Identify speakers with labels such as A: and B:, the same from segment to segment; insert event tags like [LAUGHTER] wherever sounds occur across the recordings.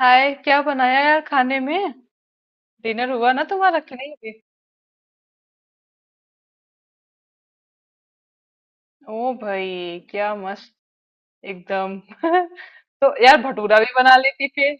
A: हाय, क्या बनाया यार खाने में। डिनर हुआ ना तुम्हारा कि नहीं अभी? ओ भाई, क्या मस्त, एकदम। [LAUGHS] तो यार, भटूरा भी बना लेती फिर।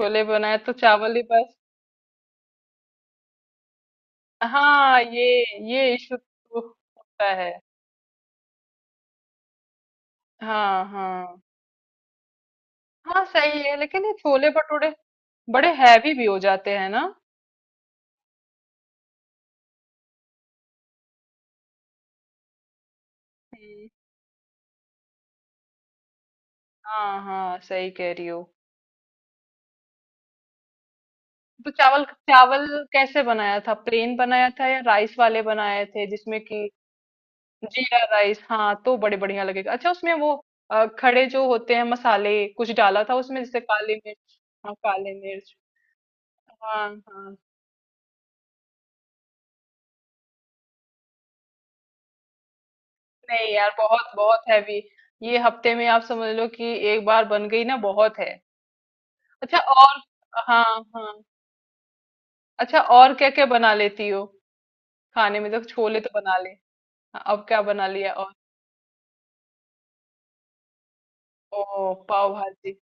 A: छोले बनाए तो चावल ही बस। हाँ, ये इशू तो होता है। हाँ, हाँ। हाँ, सही है लेकिन ये छोले भटूरे बड़े हैवी भी हो जाते हैं ना। हम्म। हाँ, हाँ, सही कह रही हो। तो चावल चावल कैसे बनाया था, प्लेन बनाया था या राइस वाले बनाए थे जिसमें कि? जीरा राइस, हाँ, तो बड़े बढ़िया लगेगा। अच्छा, उसमें वो खड़े जो होते हैं मसाले कुछ डाला था उसमें, जैसे काली मिर्च। हाँ, काली मिर्च। हाँ, हाँ। नहीं यार, बहुत बहुत हैवी। ये हफ्ते में आप समझ लो कि एक बार बन गई ना, बहुत है। अच्छा, और हाँ, हाँ। अच्छा, और क्या क्या बना लेती हो खाने में, तो छोले तो बना ले। हाँ, अब क्या बना लिया और? ओ, पाव भाजी।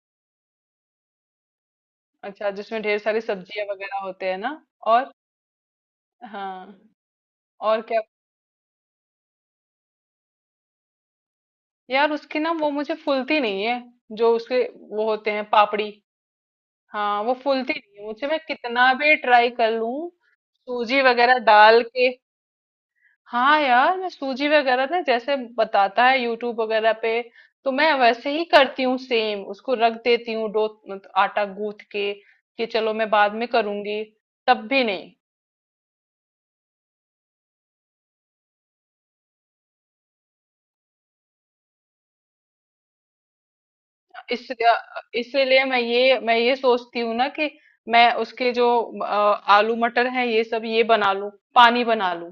A: अच्छा, जिसमें ढेर सारी सब्जियां वगैरह होते हैं ना? और हाँ, और क्या? यार, उसकी ना वो मुझे फूलती नहीं है, जो उसके वो होते हैं पापड़ी। हाँ, वो फूलती नहीं है मुझे, मैं कितना भी ट्राई कर लूं। सूजी वगैरह डाल के। हाँ यार, मैं सूजी वगैरह ना जैसे बताता है यूट्यूब वगैरह पे, तो मैं वैसे ही करती हूँ सेम, उसको रख देती हूँ डो, आटा गूंथ के, कि चलो मैं बाद में करूंगी। तब भी नहीं। इस इसलिए इसीलिए मैं ये सोचती हूँ ना कि मैं उसके जो अ, आलू मटर हैं ये सब ये बना लूं, पानी बना लूं,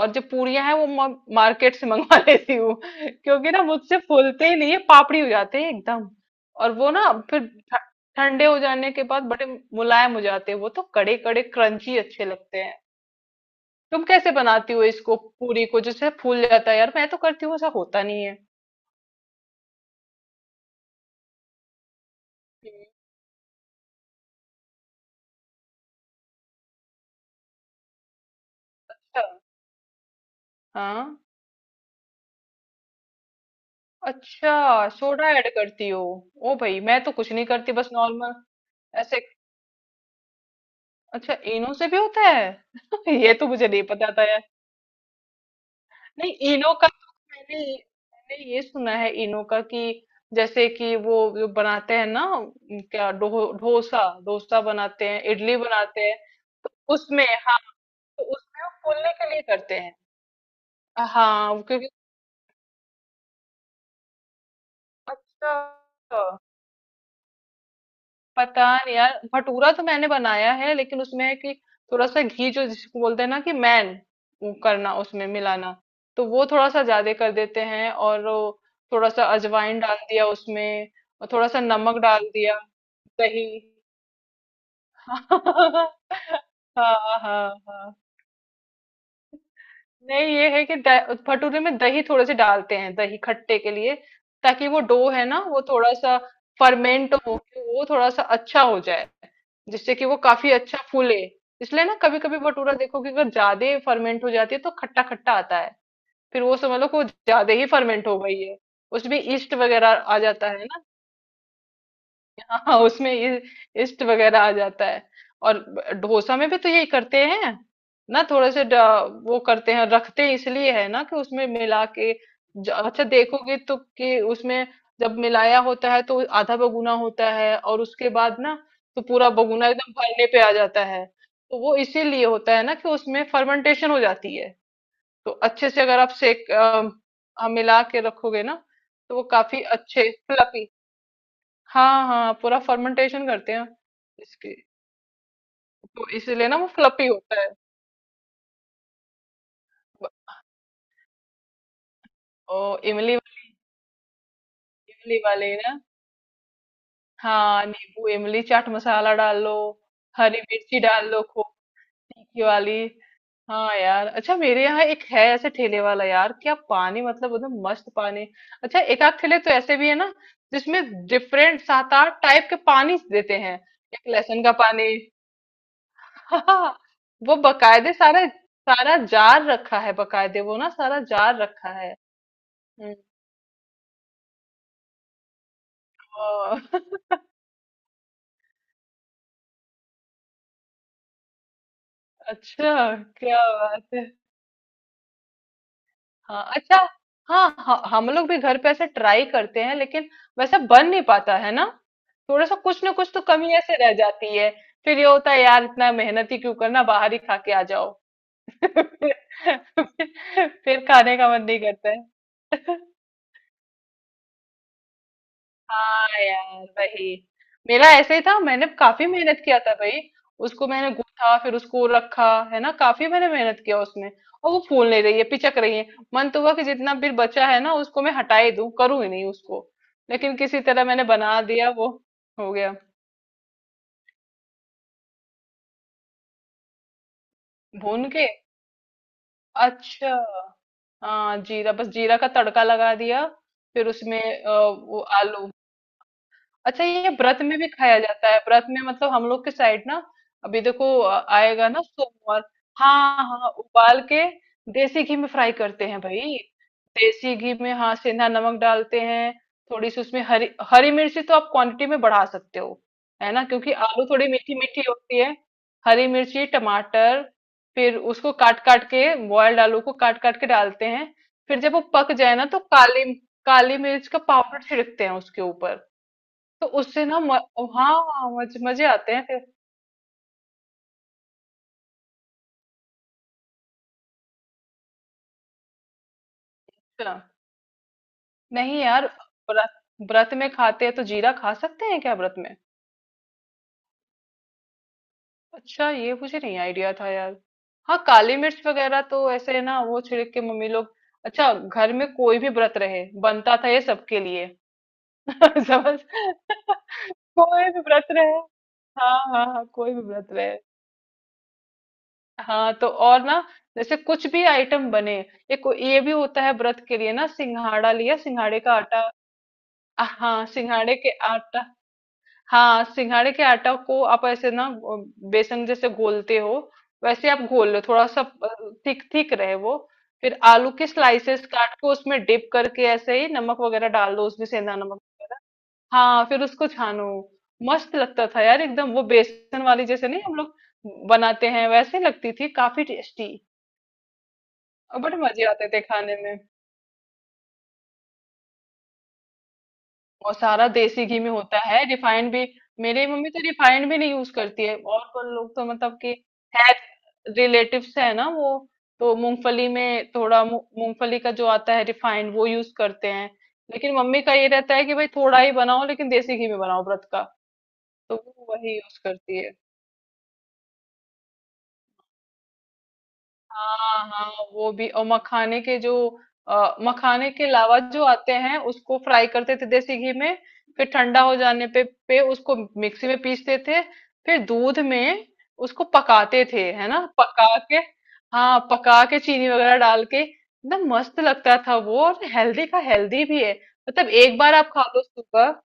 A: और जो पूरियां हैं वो मार्केट से मंगवा [LAUGHS] लेती हूँ, क्योंकि ना मुझसे फूलते ही नहीं है, पापड़ी हो जाते हैं एकदम। और वो ना फिर ठ- ठंडे हो जाने के बाद बड़े मुलायम हो जाते हैं, वो तो कड़े कड़े क्रंची अच्छे लगते हैं। तुम कैसे बनाती हो इसको, पूरी को जैसे फूल जाता है यार, मैं तो करती हूँ ऐसा होता नहीं है। अच्छा, हाँ। अच्छा, सोडा ऐड करती हो? ओ भाई, मैं तो कुछ नहीं करती बस नॉर्मल। ऐसे, अच्छा, इनो से भी होता है? [LAUGHS] ये तो मुझे नहीं पता था यार। नहीं, इनो का तो मैंने मैंने ये सुना है इनो का, कि जैसे कि वो जो बनाते हैं ना क्या डो, डोसा डोसा बनाते हैं, इडली बनाते हैं। तो उसमें, हाँ, तो उसमें वो फूलने के लिए करते हैं। हाँ, क्योंकि अच्छा पता नहीं यार, भटूरा तो मैंने बनाया है लेकिन उसमें है कि थोड़ा सा घी जो जिसको बोलते हैं ना कि मैन, वो करना उसमें मिलाना, तो वो थोड़ा सा ज्यादा कर देते हैं। और वो थोड़ा सा अजवाइन डाल दिया उसमें, और थोड़ा सा नमक डाल दिया, दही। [LAUGHS] हाँ, हाँ, हाँ। नहीं, ये है कि भटूरे में दही थोड़े से डालते हैं, दही खट्टे के लिए, ताकि वो डो है ना वो थोड़ा सा फर्मेंट हो के वो थोड़ा सा अच्छा हो जाए, जिससे कि वो काफी अच्छा फूले। इसलिए ना कभी कभी भटूरा देखो कि अगर ज्यादा फर्मेंट हो जाती है तो खट्टा खट्टा आता है, फिर वो समझ लो कि वो ज्यादा ही फर्मेंट हो गई है। उसमें ईस्ट वगैरह आ जाता है ना। हाँ, उसमें ये इस्ट वगैरह आ जाता है। और डोसा में भी तो यही करते हैं ना, थोड़े से वो करते हैं रखते हैं इसलिए, है ना कि उसमें मिला के। अच्छा, देखोगे तो कि उसमें जब मिलाया होता है तो आधा बगुना होता है, और उसके बाद ना तो पूरा बगुना एकदम भरने पे आ जाता है। तो वो इसीलिए होता है ना कि उसमें फर्मेंटेशन हो जाती है। तो अच्छे से अगर आप सेक हम मिला के रखोगे ना, तो वो काफी अच्छे फ्लफी। हाँ, हाँ, पूरा फर्मेंटेशन करते हैं। इसके, तो इसलिए ना वो फ्लफी होता है। ब- ओ, इमली वाली। इमली वाली ना। हाँ, नींबू इमली चाट मसाला डाल लो। हरी मिर्ची डाल लो खूब, तीखी वाली। हाँ यार, अच्छा मेरे यहाँ एक है ऐसे ठेले वाला, यार क्या पानी, मतलब एकदम मस्त पानी। अच्छा, एक आध ठेले तो ऐसे भी है ना जिसमें डिफरेंट सात आठ टाइप के पानी देते हैं, एक लहसुन का पानी। हाँ, वो बकायदे सारा सारा जार रखा है, बकायदे वो ना सारा जार रखा है। हम्म। हाँ। [LAUGHS] अच्छा, क्या बात है। हाँ, अच्छा। हाँ, हाँ, हम लोग भी घर पे ऐसे ट्राई करते हैं लेकिन वैसा बन नहीं पाता है ना। थोड़ा सा कुछ ना कुछ तो कमी ऐसे रह जाती है। फिर ये होता है यार, इतना मेहनत ही क्यों करना, बाहर ही खा के आ जाओ। [LAUGHS] फिर खाने का मन नहीं करता है। हाँ यार, वही। मेरा ऐसे ही था, मैंने काफी मेहनत किया था भाई, उसको मैंने गूथा फिर उसको रखा, है ना, काफी मैंने मेहनत किया उसमें। और वो फूल नहीं रही है, पिचक रही है। मन तो हुआ कि जितना भी बचा है ना उसको मैं हटा ही दूं, करूं ही नहीं उसको। लेकिन किसी तरह मैंने बना दिया वो, हो गया। भून के, अच्छा। हाँ, जीरा बस, जीरा का तड़का लगा दिया। फिर उसमें वो आलू। अच्छा, ये व्रत में भी खाया जाता है व्रत में, मतलब हम लोग के साइड ना। अभी देखो आएगा ना सोमवार। हाँ, हाँ, उबाल के, देसी घी में फ्राई करते हैं भाई। देसी घी में, हाँ, सेंधा नमक डालते हैं। थोड़ी सी उसमें हरी हरी मिर्ची तो आप क्वांटिटी में बढ़ा सकते हो, है ना, क्योंकि आलू थोड़ी मीठी मीठी होती है। हरी मिर्ची, टमाटर। फिर उसको काट काट के बॉयल्ड आलू को काट काट के डालते हैं, फिर जब वो पक जाए ना तो काली काली मिर्च का पाउडर छिड़कते हैं उसके ऊपर, तो उससे ना हाँ, मजे आते हैं फिर। अच्छा, नहीं यार, व्रत व्रत में खाते हैं तो जीरा खा सकते हैं क्या व्रत में? अच्छा, ये मुझे नहीं आइडिया था यार। हाँ, काली मिर्च वगैरह तो ऐसे है ना वो छिड़क के मम्मी लोग। अच्छा, घर में कोई भी व्रत रहे बनता था ये सबके लिए। [LAUGHS] समझ। [LAUGHS] कोई भी व्रत रहे। हाँ, हाँ, हाँ, कोई भी व्रत रहे। हाँ तो और ना, जैसे कुछ भी आइटम बने, ये भी होता है व्रत के लिए ना, सिंघाड़ा लिया, सिंघाड़े का आटा। हाँ, सिंघाड़े के आटा। हाँ, सिंघाड़े के आटा को आप ऐसे ना बेसन जैसे घोलते हो, वैसे आप घोल लो थोड़ा सा, थिक थिक रहे वो। फिर आलू के स्लाइसेस काट के उसमें डिप करके ऐसे ही नमक वगैरह डाल दो उसमें, सेंधा नमक वगैरह। हाँ, फिर उसको छानो। मस्त लगता था यार एकदम, वो बेसन वाली जैसे नहीं हम लोग बनाते हैं, वैसे लगती थी काफी टेस्टी। बट मजे आते थे खाने में। और सारा देसी घी में होता है, रिफाइंड भी। मेरी मम्मी तो रिफाइंड भी नहीं यूज करती है। और पर लोग तो मतलब कि हेल्थ रिलेटिव्स है ना वो, तो मूंगफली में थोड़ा मूंगफली का जो आता है रिफाइंड वो यूज करते हैं। लेकिन मम्मी का ये रहता है कि भाई थोड़ा ही बनाओ लेकिन देसी घी में बनाओ व्रत का, तो वो वही यूज करती है। हाँ, हाँ, वो भी, और मखाने के जो मखाने के लावा जो आते हैं उसको फ्राई करते थे देसी घी में, फिर ठंडा हो जाने पे पे उसको मिक्सी में पीसते थे। फिर दूध में उसको पकाते थे, है ना, पका के। हाँ, पका के चीनी वगैरह डाल के एकदम मस्त लगता था वो, और हेल्दी का हेल्दी भी है। मतलब एक बार आप खा लो सुबह।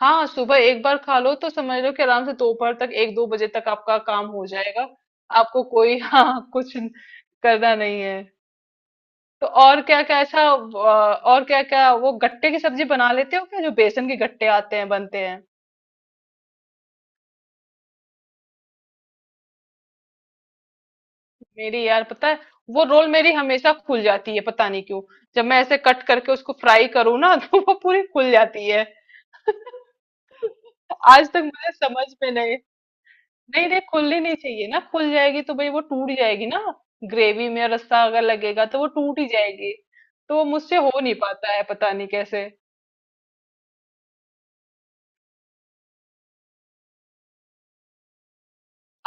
A: हाँ, सुबह एक बार खा लो तो समझ लो कि आराम से दोपहर तक एक दो बजे तक आपका काम हो जाएगा। आपको कोई [LAUGHS] हाँ, कुछ करना नहीं है। तो और क्या क्या अच्छा और क्या क्या वो गट्टे की सब्जी बना लेते हो क्या, जो बेसन के गट्टे आते हैं बनते हैं? मेरी यार पता है, वो रोल मेरी हमेशा खुल जाती है, पता नहीं क्यों। जब मैं ऐसे कट करके उसको फ्राई करूँ ना [LAUGHS] तो वो पूरी खुल जाती है। [LAUGHS] आज तक मुझे समझ में नहीं। नहीं, नहीं, खुलनी नहीं चाहिए ना, खुल जाएगी तो भाई वो टूट जाएगी ना। ग्रेवी में रस्सा अगर लगेगा तो वो टूट ही जाएगी। तो वो मुझसे हो नहीं पाता है, पता नहीं कैसे।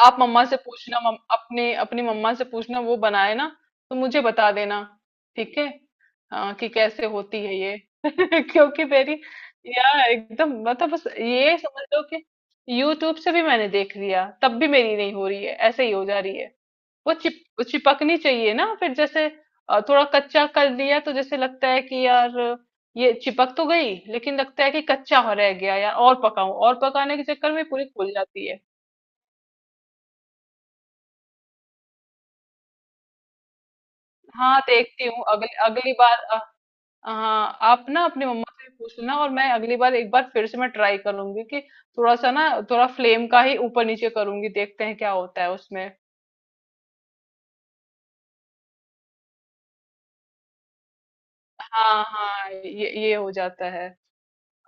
A: आप मम्मा से पूछना, अपने अपनी मम्मा से पूछना वो बनाए ना, तो मुझे बता देना। ठीक है, हाँ, कि कैसे होती है ये। [LAUGHS] क्योंकि मेरी यार एकदम, मतलब बस ये समझ लो कि यूट्यूब से भी मैंने देख लिया तब भी मेरी नहीं हो रही है, ऐसे ही हो जा रही है। वो चिपकनी चाहिए ना, फिर जैसे थोड़ा कच्चा कर दिया तो जैसे लगता है कि यार, ये चिपक तो गई, लेकिन लगता है कि कच्चा हो रह गया यार, और पकाऊं, और पकाने के चक्कर में पूरी खुल जाती है। हाँ, देखती हूँ अगली अगली बार हाँ आप ना अपनी मम्मा से पूछना, और मैं अगली बार एक बार फिर से मैं ट्राई करूंगी कि थोड़ा सा ना थोड़ा फ्लेम का ही ऊपर नीचे करूंगी, देखते हैं क्या होता है उसमें। हाँ, हाँ, ये हो जाता है।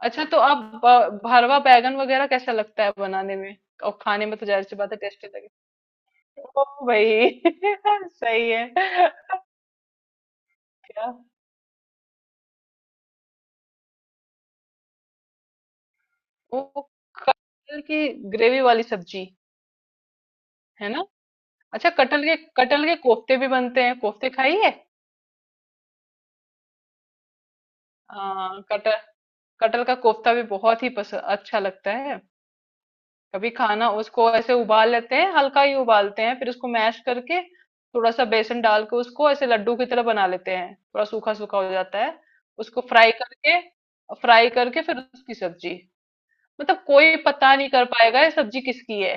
A: अच्छा, तो आप भरवा बैगन वगैरह कैसा लगता है बनाने में? और खाने में तो जाहिर सी बात है टेस्टी लगे। ओ भाई, [LAUGHS] सही है। क्या? वो कटहल की ग्रेवी वाली सब्जी, है ना? अच्छा, कटहल के कोफ्ते भी बनते हैं, कोफ्ते खाइए। हाँ, कटहल कटहल का कोफ्ता भी बहुत ही पसंद, अच्छा लगता है। कभी खाना, उसको ऐसे उबाल लेते हैं, हल्का ही उबालते हैं, फिर उसको मैश करके थोड़ा सा बेसन डाल के उसको ऐसे लड्डू की तरह बना लेते हैं, थोड़ा सूखा सूखा हो जाता है। उसको फ्राई करके, फ्राई करके फिर उसकी सब्जी। मतलब कोई पता नहीं कर पाएगा ये सब्जी किसकी है।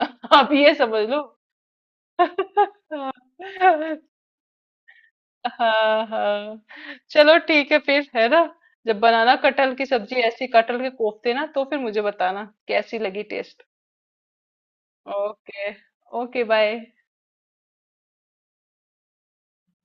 A: [LAUGHS] आप ये समझ लो। [LAUGHS] हाँ, हाँ। चलो ठीक है फिर, है ना। जब बनाना कटहल की सब्जी ऐसी, कटहल के कोफ्ते ना, तो फिर मुझे बताना कैसी लगी टेस्ट। Okay, okay bye.